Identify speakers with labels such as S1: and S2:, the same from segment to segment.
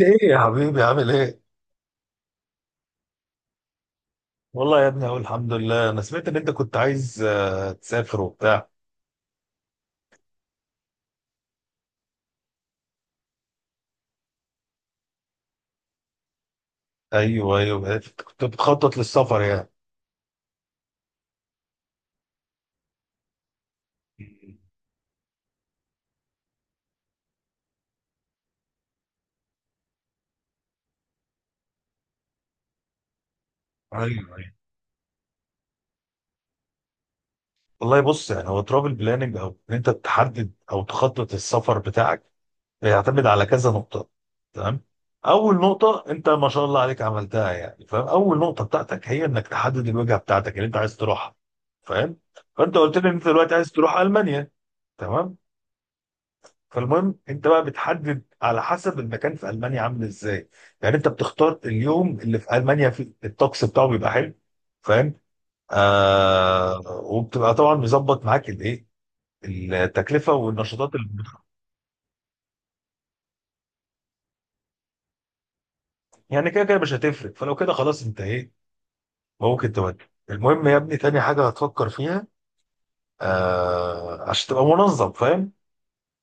S1: ايه يا حبيبي عامل ايه؟ والله يا ابني اقول الحمد لله، انا سمعت ان انت كنت عايز تسافر وبتاع. ايوه، ايوه، أنت كنت بتخطط للسفر يعني. ايوه ايوه. والله بص، يعني هو ترافل بلاننج او ان انت تحدد او تخطط السفر بتاعك بيعتمد على كذا نقطة. تمام؟ اول نقطة انت ما شاء الله عليك عملتها، يعني فاهم؟ اول نقطة بتاعتك هي انك تحدد الوجهة بتاعتك اللي انت عايز تروحها. فاهم؟ فانت قلت لي ان انت دلوقتي عايز تروح المانيا. تمام؟ فالمهم انت بقى بتحدد على حسب المكان في المانيا عامل ازاي. يعني انت بتختار اليوم اللي في المانيا فيه الطقس بتاعه بيبقى حلو. فاهم؟ آه، وبتبقى طبعا مظبط معاك الايه، التكلفه والنشاطات اللي يعني كده كده مش هتفرق، فلو كده خلاص انت ايه ممكن تودي. المهم يا ابني تاني حاجه هتفكر فيها، آه، عشان تبقى منظم، فاهم؟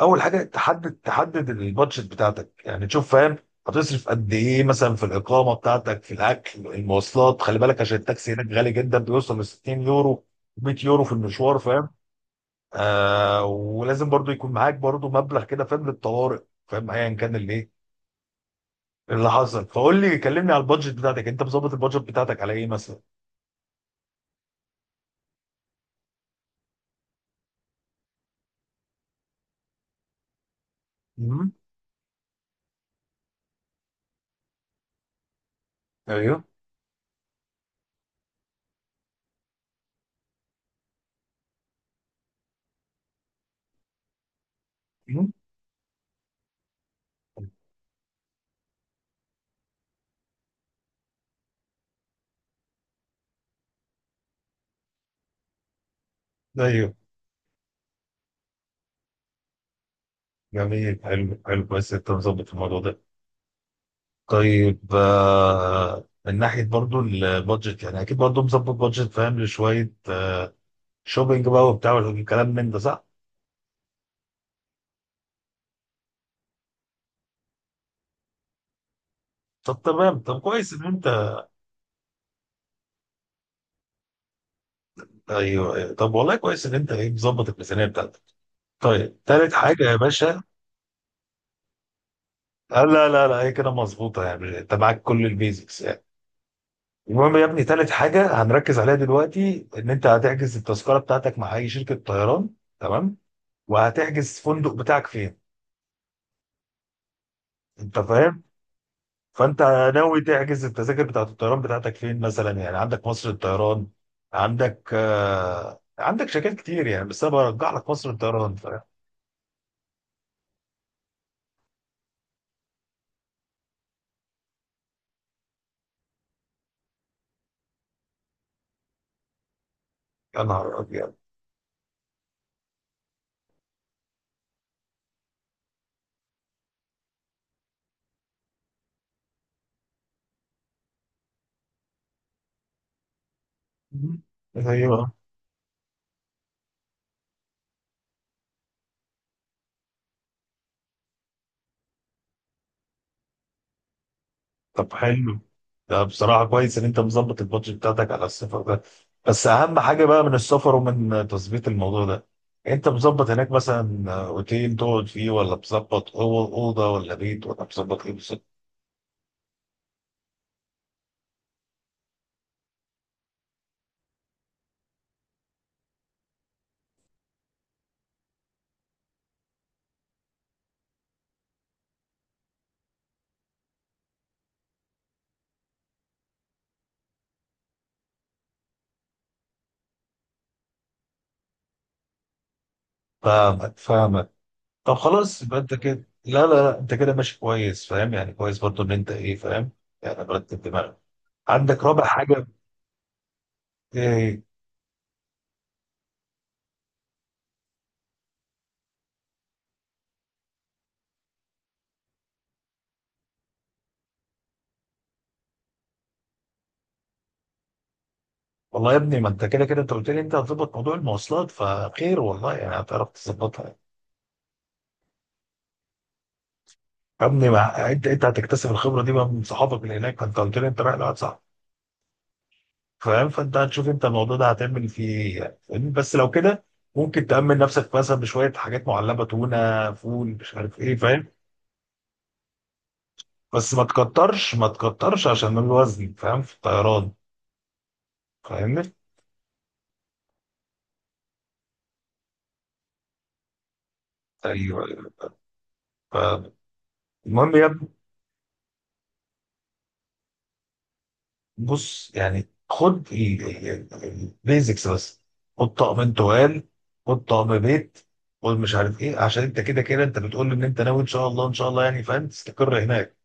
S1: اول حاجه تحدد البادجت بتاعتك، يعني تشوف فاهم هتصرف قد ايه مثلا في الاقامه بتاعتك، في الاكل، المواصلات. خلي بالك، عشان التاكسي هناك غالي جدا، بيوصل ل 60 يورو، 100 يورو في المشوار. فاهم؟ آه، ولازم برضو يكون معاك برضو مبلغ كده، فاهم، للطوارئ، فاهم، ايا كان اللي ايه اللي حصل. فقول لي، كلمني على البادجت بتاعتك، انت مظبط البادجت بتاعتك على ايه مثلا؟ مم. ايوه. مم. ايوه. جميل، حلو حلو، بس انت مظبط الموضوع ده. طيب، من ناحية برضو البادجت، يعني أكيد برضو مظبط بادجت فاهم لشوية شوبينج بقى وبتاع والكلام من ده، صح؟ طب تمام، طب كويس إن أنت. أيوه، أيوة. طب والله كويس إن أنت إيه مظبط الميزانية بتاعتك. طيب، تالت حاجة يا باشا، لا لا لا، هي كده مظبوطة، يعني أنت معاك كل البيزكس يعني. المهم يا ابني تالت حاجة هنركز عليها دلوقتي إن أنت هتحجز التذكرة بتاعتك مع أي شركة طيران. تمام؟ وهتحجز فندق بتاعك فين؟ أنت فاهم؟ فانت ناوي تحجز التذاكر بتاعت الطيران بتاعتك فين مثلا؟ يعني عندك مصر الطيران، عندك شركات كتير يعني، بس انا برجح لك مصر الطيران يا نهار ابيض. مم. ايوه. طب حلو، ده بصراحه كويس ان انت مظبط البادجت بتاعتك على السفر ده. بس اهم حاجه بقى من السفر ومن تظبيط الموضوع ده، انت مظبط هناك مثلا اوتيل تقعد فيه، ولا مظبط اوضه، ولا بيت، ولا مظبط ايه بالظبط؟ فاهمك، فاهمك. طب خلاص، يبقى انت كده، لا لا لا، انت كده ماشي كويس، فاهم يعني، كويس برضو ان انت ايه، فاهم، يعني مرتب دماغك. عندك رابع حاجه؟ ايه؟ والله يا ابني ما انت كده كده انت قلت لي انت هتظبط موضوع المواصلات، فخير والله يعني هتعرف تظبطها يعني. يا ابني ما انت هتكتسب الخبره دي بقى من صحابك اللي هناك، فانت قلت لي انت رايح لواحد صاحبك. فاهم؟ فانت هتشوف انت الموضوع ده هتعمل فيه ايه يعني، فاهمني؟ بس لو كده ممكن تأمن نفسك مثلا بشويه حاجات معلبه، تونه، فول، مش عارف ايه، فاهم؟ بس ما تكترش، ما تكترش، عشان الوزن فاهم في الطيران. فاهمني؟ ايوه، أيوة. فالمهم يا ابني، بص يعني، خد البيزكس بس، خد طقمين طوال، خد طقم بيت، خد مش عارف ايه، عشان انت كده كده انت بتقول لي ان انت ناوي ان شاء الله، ان شاء الله يعني، فاهم، تستقر هناك.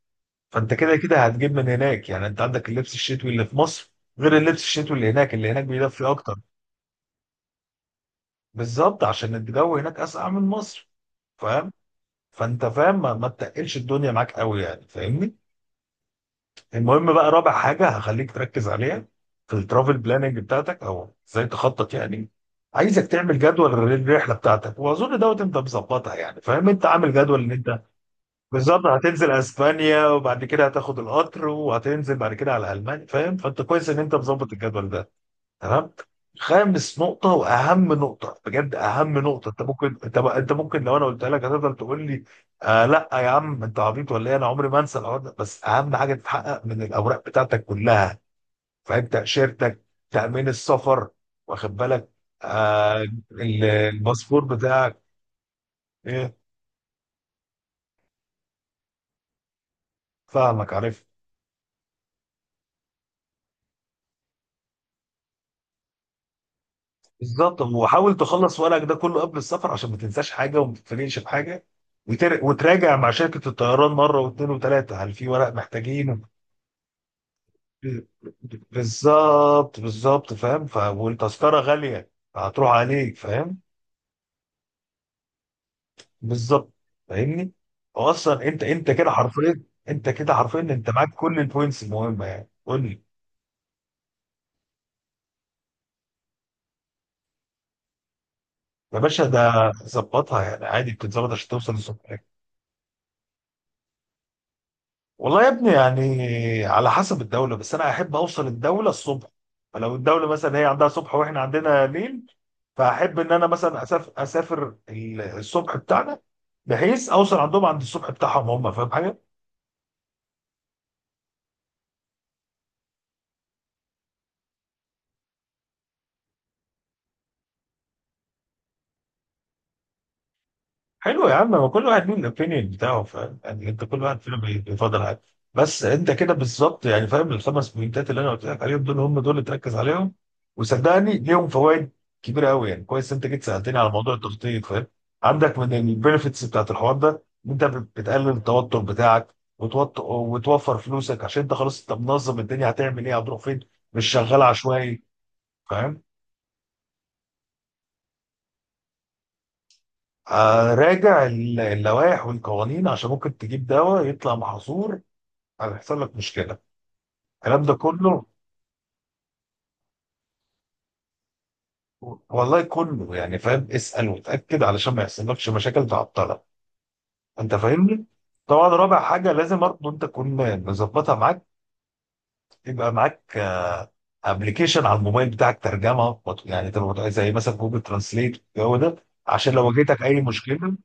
S1: فانت كده كده هتجيب من هناك، يعني انت عندك اللبس الشتوي اللي في مصر، غير اللبس الشتوي اللي هناك، اللي هناك بيدفي اكتر. بالظبط، عشان الجو هناك اسقع من مصر. فاهم؟ فانت فاهم، ما تقلش الدنيا معاك قوي يعني، فاهمني؟ المهم بقى رابع حاجه هخليك تركز عليها في الترافل بلاننج بتاعتك، او ازاي تخطط يعني. عايزك تعمل جدول للرحله بتاعتك، واظن دوت انت مظبطها يعني، فاهم، انت عامل جدول ان انت بالظبط هتنزل اسبانيا وبعد كده هتاخد القطر وهتنزل بعد كده على المانيا. فاهم؟ فانت كويس ان انت مظبط الجدول ده. تمام. خامس نقطة وأهم نقطة بجد، أهم نقطة أنت ممكن، أنت ممكن لو أنا قلتها لك هتفضل تقول لي، آه لا يا عم، أنت عبيط ولا إيه؟ أنا عمري ما أنسى الحوار ده. بس أهم حاجة تتحقق من الأوراق بتاعتك كلها، فاهم، تأشيرتك، تأمين السفر، واخد بالك. آه، الباسبور بتاعك. إيه؟ فاهمك، عارف. بالظبط. وحاول تخلص ورقك ده كله قبل السفر، عشان ما تنساش حاجة، وما تتفاجئش بحاجة، وتراجع مع شركة الطيران مرة واثنين وثلاثة، هل في ورق محتاجين؟ بالظبط، بالظبط، فاهم والتذكرة غالية، هتروح عليك، فاهم؟ بالظبط، فاهمني. هو اصلا انت كده حرفيا، انت كده حرفيا انت معاك كل البوينتس المهمة يعني، قول لي. يا باشا ده ظبطها يعني، عادي بتتظبط عشان توصل الصبح. والله يا ابني يعني على حسب الدولة، بس انا احب اوصل الدولة الصبح. فلو الدولة مثلا هي عندها صبح واحنا عندنا ليل، فاحب ان انا مثلا اسافر الصبح بتاعنا، بحيث اوصل عندهم عند الصبح بتاعهم هم. فاهم حاجه؟ حلو يا عم، هو كل واحد له الاوبينيون بتاعه، فاهم يعني، انت كل واحد فينا بيفضل حاجه. بس انت كده بالظبط يعني، فاهم، الخمس بوينتات اللي انا قلت لك عليهم دول هم دول اللي تركز عليهم. وصدقني ليهم فوائد كبيره قوي، يعني كويس انت جيت سالتني على موضوع التخطيط. فاهم؟ عندك من البنفيتس بتاعت الحوار ده ان انت بتقلل التوتر بتاعك وتوفر فلوسك، عشان انت خلاص انت منظم الدنيا هتعمل ايه، هتروح فين، مش شغال عشوائي. فاهم؟ راجع اللوائح والقوانين، عشان ممكن تجيب دواء يطلع محظور، هيحصل لك مشكله، الكلام ده كله. والله كله يعني، فاهم، اسال وتاكد علشان ما يحصلكش مشاكل تعطلك. انت فاهمني؟ طبعا رابع حاجه لازم برضه انت تكون مظبطها معاك، يبقى معاك ابلكيشن على الموبايل بتاعك ترجمه، يعني تبقى زي مثلا جوجل ترانسليت، الجو ده، عشان لو واجهتك اي مشكله.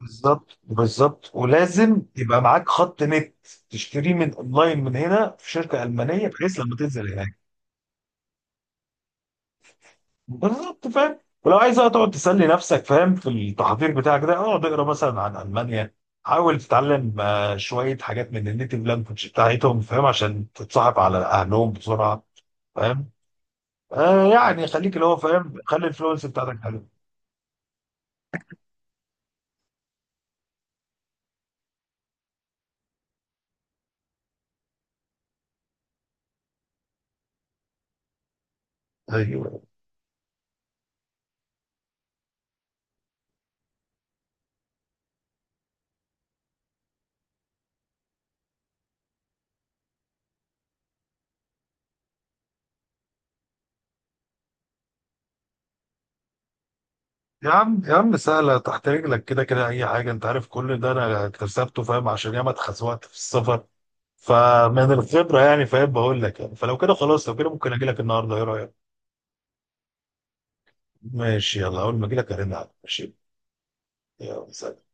S1: بالظبط، بالظبط. ولازم يبقى معاك خط نت، تشتريه من اونلاين من هنا في شركه المانيه، بحيث لما تنزل هناك. بالظبط، فاهم؟ ولو عايز بقى تقعد تسلي نفسك، فاهم، في التحضير بتاعك ده، اقعد اقرا مثلا عن المانيا، حاول تتعلم شويه حاجات من النيتيف لانجوج بتاعتهم، فاهم، عشان تتصاحب على اهلهم بسرعه. فاهم؟ آه يعني خليك اللي هو فاهم، خلي الفلوس بتاعتك حلو. ايوه. يا عم، يا عم، سهله تحت رجلك، كده كده اي حاجه انت عارف كل ده انا اكتسبته، فاهم، عشان ياما اتخزوقت في السفر. فمن الخبره يعني، فاهم، بقول لك يعني. فلو كده خلاص، لو كده ممكن اجي لك النهارده، ايه رايك؟ ماشي، يلا، أول ما أجيلك هرن عليك، ماشي؟ يلا سلام.